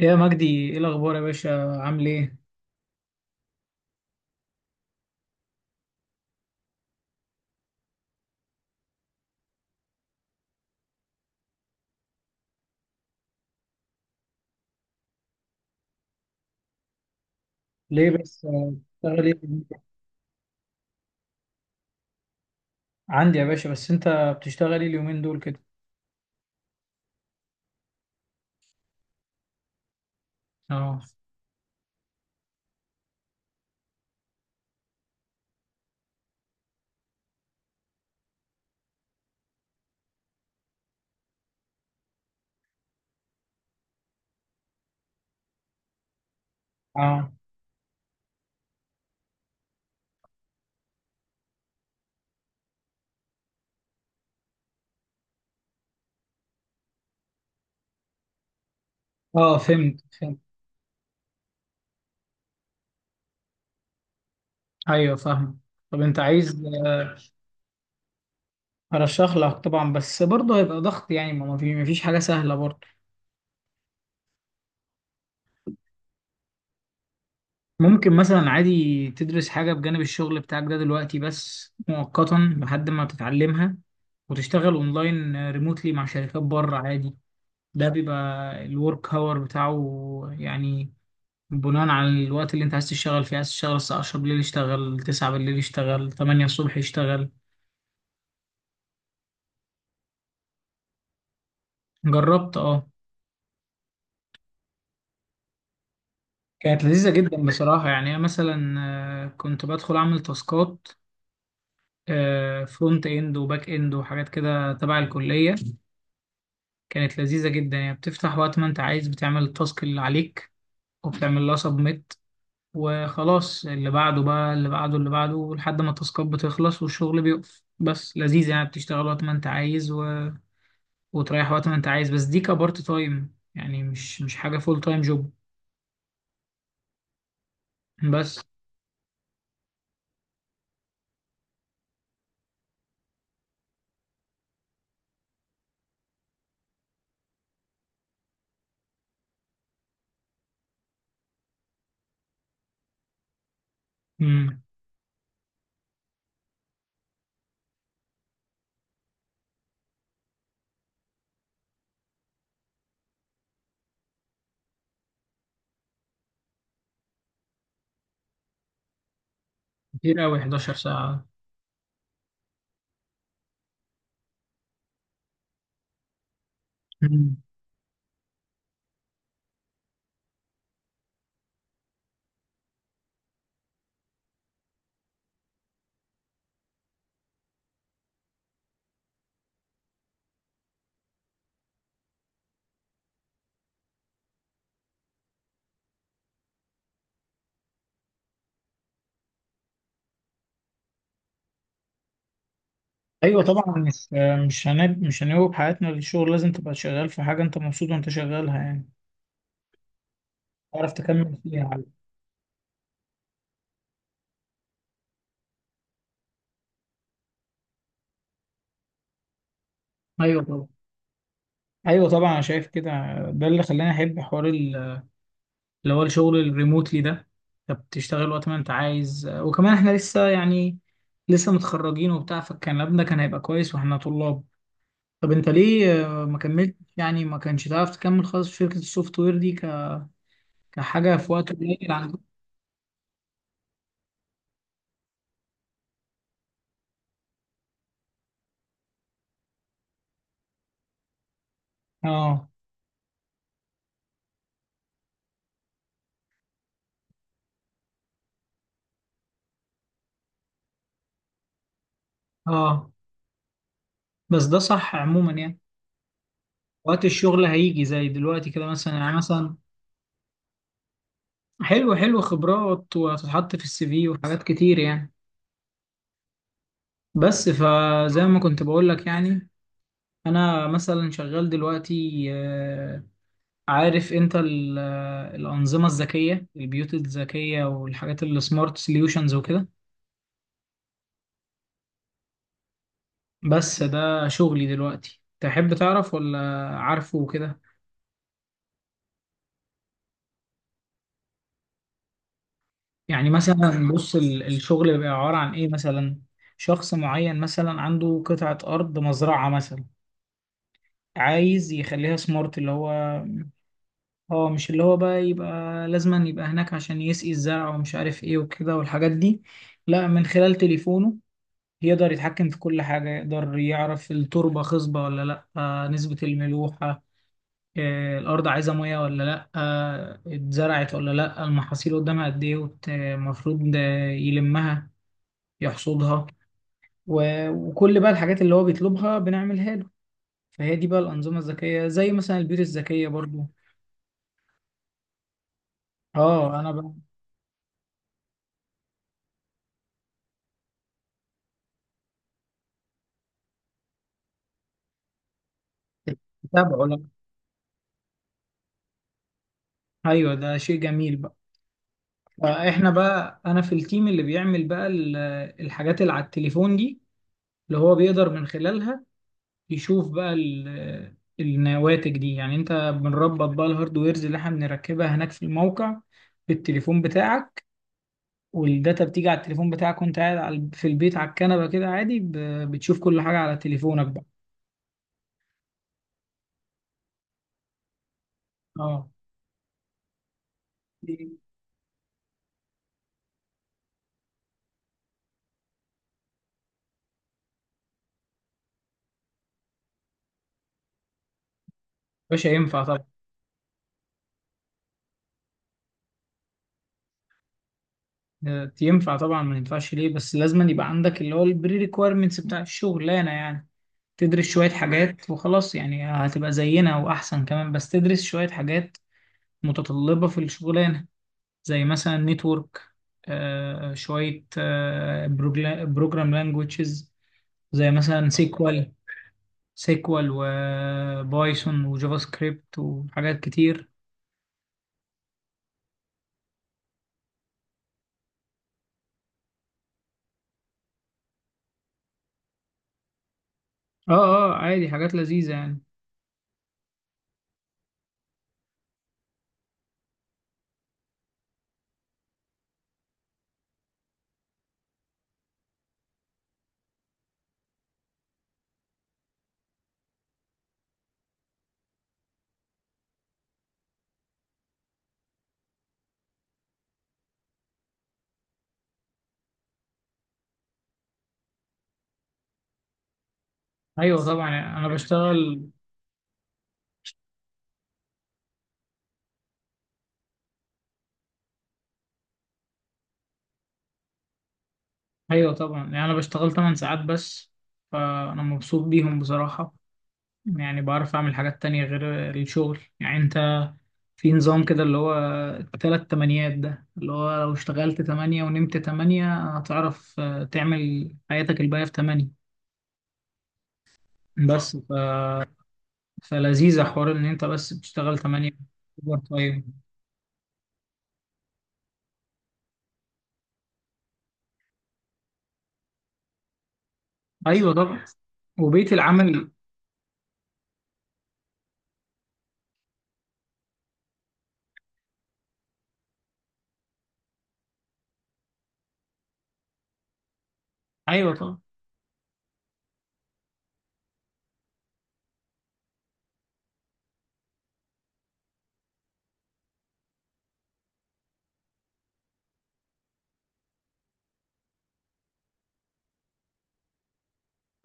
يا مجدي ايه الاخبار يا باشا عامل ايه؟ ليه بس بتشتغل ايه؟ عندي يا باشا، بس انت بتشتغل ايه اليومين دول كده؟ اه اه اه فهمت فهمت. ايوه فاهم. طب انت عايز ارشح لك؟ طبعا، بس برضه هيبقى ضغط يعني، ما فيش حاجه سهله برضه. ممكن مثلا عادي تدرس حاجه بجانب الشغل بتاعك ده دلوقتي، بس مؤقتا لحد ما تتعلمها، وتشتغل اونلاين ريموتلي مع شركات بره عادي. ده بيبقى الورك هاور بتاعه يعني، بناء على الوقت اللي انت عايز تشتغل فيه. عايز تشتغل الساعة 10 بالليل اشتغل، 9 بالليل اشتغل، 8 الصبح اشتغل. جربت اه. كانت لذيذة جدا بصراحة، يعني انا مثلا كنت بدخل اعمل تاسكات، فرونت اند وباك اند وحاجات كده تبع الكلية. كانت لذيذة جدا، يعني بتفتح وقت ما انت عايز، بتعمل التاسك اللي عليك وبتعمل لها سبميت وخلاص، اللي بعده بقى، اللي بعده، اللي بعده، لحد ما التاسكات بتخلص والشغل بيقف. بس لذيذة يعني، بتشتغل وقت ما انت عايز وتريح وقت ما انت عايز. بس دي كبارت تايم يعني، مش حاجة فول تايم جوب. بس امم. كتير قوي 11 ساعة. مم. ايوه طبعا، مش هنوب حياتنا للشغل. لازم تبقى شغال في حاجة انت مبسوط وانت شغالها يعني، تعرف تكمل فيها ايوه طبعا. ايوه طبعا انا شايف كده. ده اللي خلاني احب حوار اللي هو الشغل الريموتلي ده. انت بتشتغل وقت ما انت عايز، وكمان احنا لسه يعني، لسه متخرجين وبتاع، فالكلام ده كان هيبقى كويس واحنا طلاب. طب انت ليه ما كملت يعني؟ ما كانش تعرف تكمل خالص في شركة السوفت وير دي كحاجة في وقت قليل عندك؟ اه اه بس ده صح عموما يعني. وقت الشغل هيجي زي دلوقتي كده مثلا، يعني مثلا. حلو حلو، خبرات وهتتحط في السي في وحاجات كتير يعني. بس فزي ما كنت بقول لك يعني، انا مثلا شغال دلوقتي. عارف انت الأنظمة الذكية، البيوت الذكية والحاجات اللي سمارت سوليوشنز وكده؟ بس ده شغلي دلوقتي، تحب تعرف ولا عارفه وكده؟ يعني مثلا بص، الشغل بيبقى عبارة عن ايه مثلا. شخص معين مثلا عنده قطعة أرض، مزرعة مثلا، عايز يخليها سمارت. اللي هو اه، مش اللي هو بقى يبقى لازما يبقى هناك عشان يسقي الزرع ومش عارف ايه وكده والحاجات دي. لا، من خلال تليفونه يقدر يتحكم في كل حاجة، يقدر يعرف التربة خصبة ولا لا، نسبة الملوحة، الأرض عايزة مية ولا لأ، اتزرعت ولا لأ، المحاصيل قدامها قد إيه المفروض يلمها، يحصدها، وكل بقى الحاجات اللي هو بيطلبها بنعملها له. فهي دي بقى الأنظمة الذكية، زي مثلا البيوت الذكية برضو. اه أنا بقى بتابعه. لا أيوه، ده شيء جميل بقى. فإحنا بقى أنا في التيم اللي بيعمل بقى الحاجات اللي على التليفون دي، اللي هو بيقدر من خلالها يشوف بقى النواتج دي. يعني انت بنربط بقى الهاردويرز اللي احنا بنركبها هناك في الموقع بالتليفون بتاعك، والداتا بتيجي على التليفون بتاعك وانت قاعد في البيت على الكنبة كده عادي، بتشوف كل حاجة على تليفونك بقى. اه باشا ينفع طبعا. ينفع طبعا، ما ينفعش ليه؟ بس لازم يبقى عندك اللي هو البري ريكويرمنتس بتاع الشغلانه يعني، تدرس شويه حاجات وخلاص يعني. هتبقى زينا واحسن كمان، بس تدرس شويه حاجات متطلبه في الشغلانه، زي مثلا نتورك، شوية بروجرام لانجويجز، زي مثلا سيكوال. سيكوال وبايثون وجافا سكريبت وحاجات كتير. اه عادي، حاجات لذيذة يعني. ايوه طبعا يعني انا بشتغل. ايوه طبعا، يعني انا بشتغل 8 ساعات بس، فانا مبسوط بيهم بصراحة. يعني بعرف اعمل حاجات تانية غير الشغل. يعني انت في نظام كده اللي هو التلات تمانيات ده، اللي هو لو اشتغلت تمانية ونمت تمانية هتعرف تعمل حياتك الباقية في تمانية. بس ف... فلذيذة حوار إن أنت بس بتشتغل تمانية، أوفر تايم. أيوة طبعا. وبيت العمل. أيوة طبعا.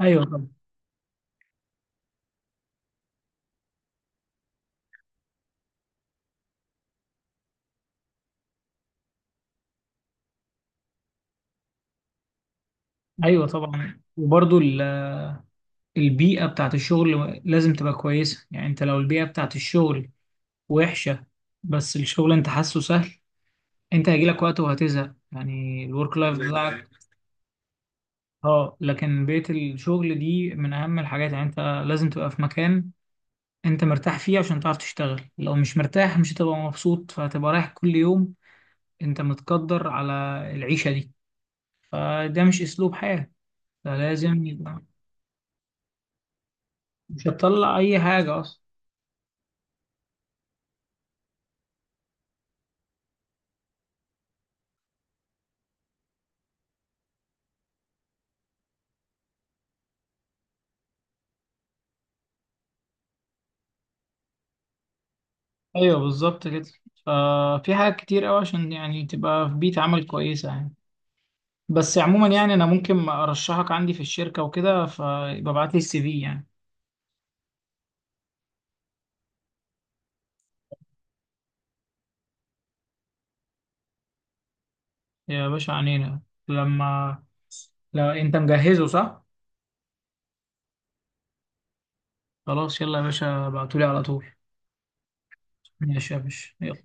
أيوة طبعا. أيوة طبعا البيئة بتاعت الشغل لازم تبقى كويسة. يعني انت لو البيئة بتاعت الشغل وحشة بس الشغل انت حاسه سهل، انت هيجيلك وقت وهتزهق يعني الورك لايف بتاعك. اه، لكن بيئة الشغل دي من أهم الحاجات. يعني أنت لازم تبقى في مكان أنت مرتاح فيه عشان تعرف تشتغل. لو مش مرتاح مش هتبقى مبسوط، فهتبقى رايح كل يوم أنت متقدر على العيشة دي. فده مش أسلوب حياة. فلازم يبقى مش هتطلع أي حاجة أصلا. أيوه بالظبط كده. ففي حاجات كتير أوي عشان يعني تبقى في بيئة عمل كويسة يعني. بس عموما يعني، أنا ممكن أرشحك عندي في الشركة وكده، فيبقى ابعت لي السي في يعني. يا باشا عنينا. لما، لا انت مجهزه صح؟ خلاص يلا يا باشا، ابعتولي على طول. ماشي يا باشا يلا.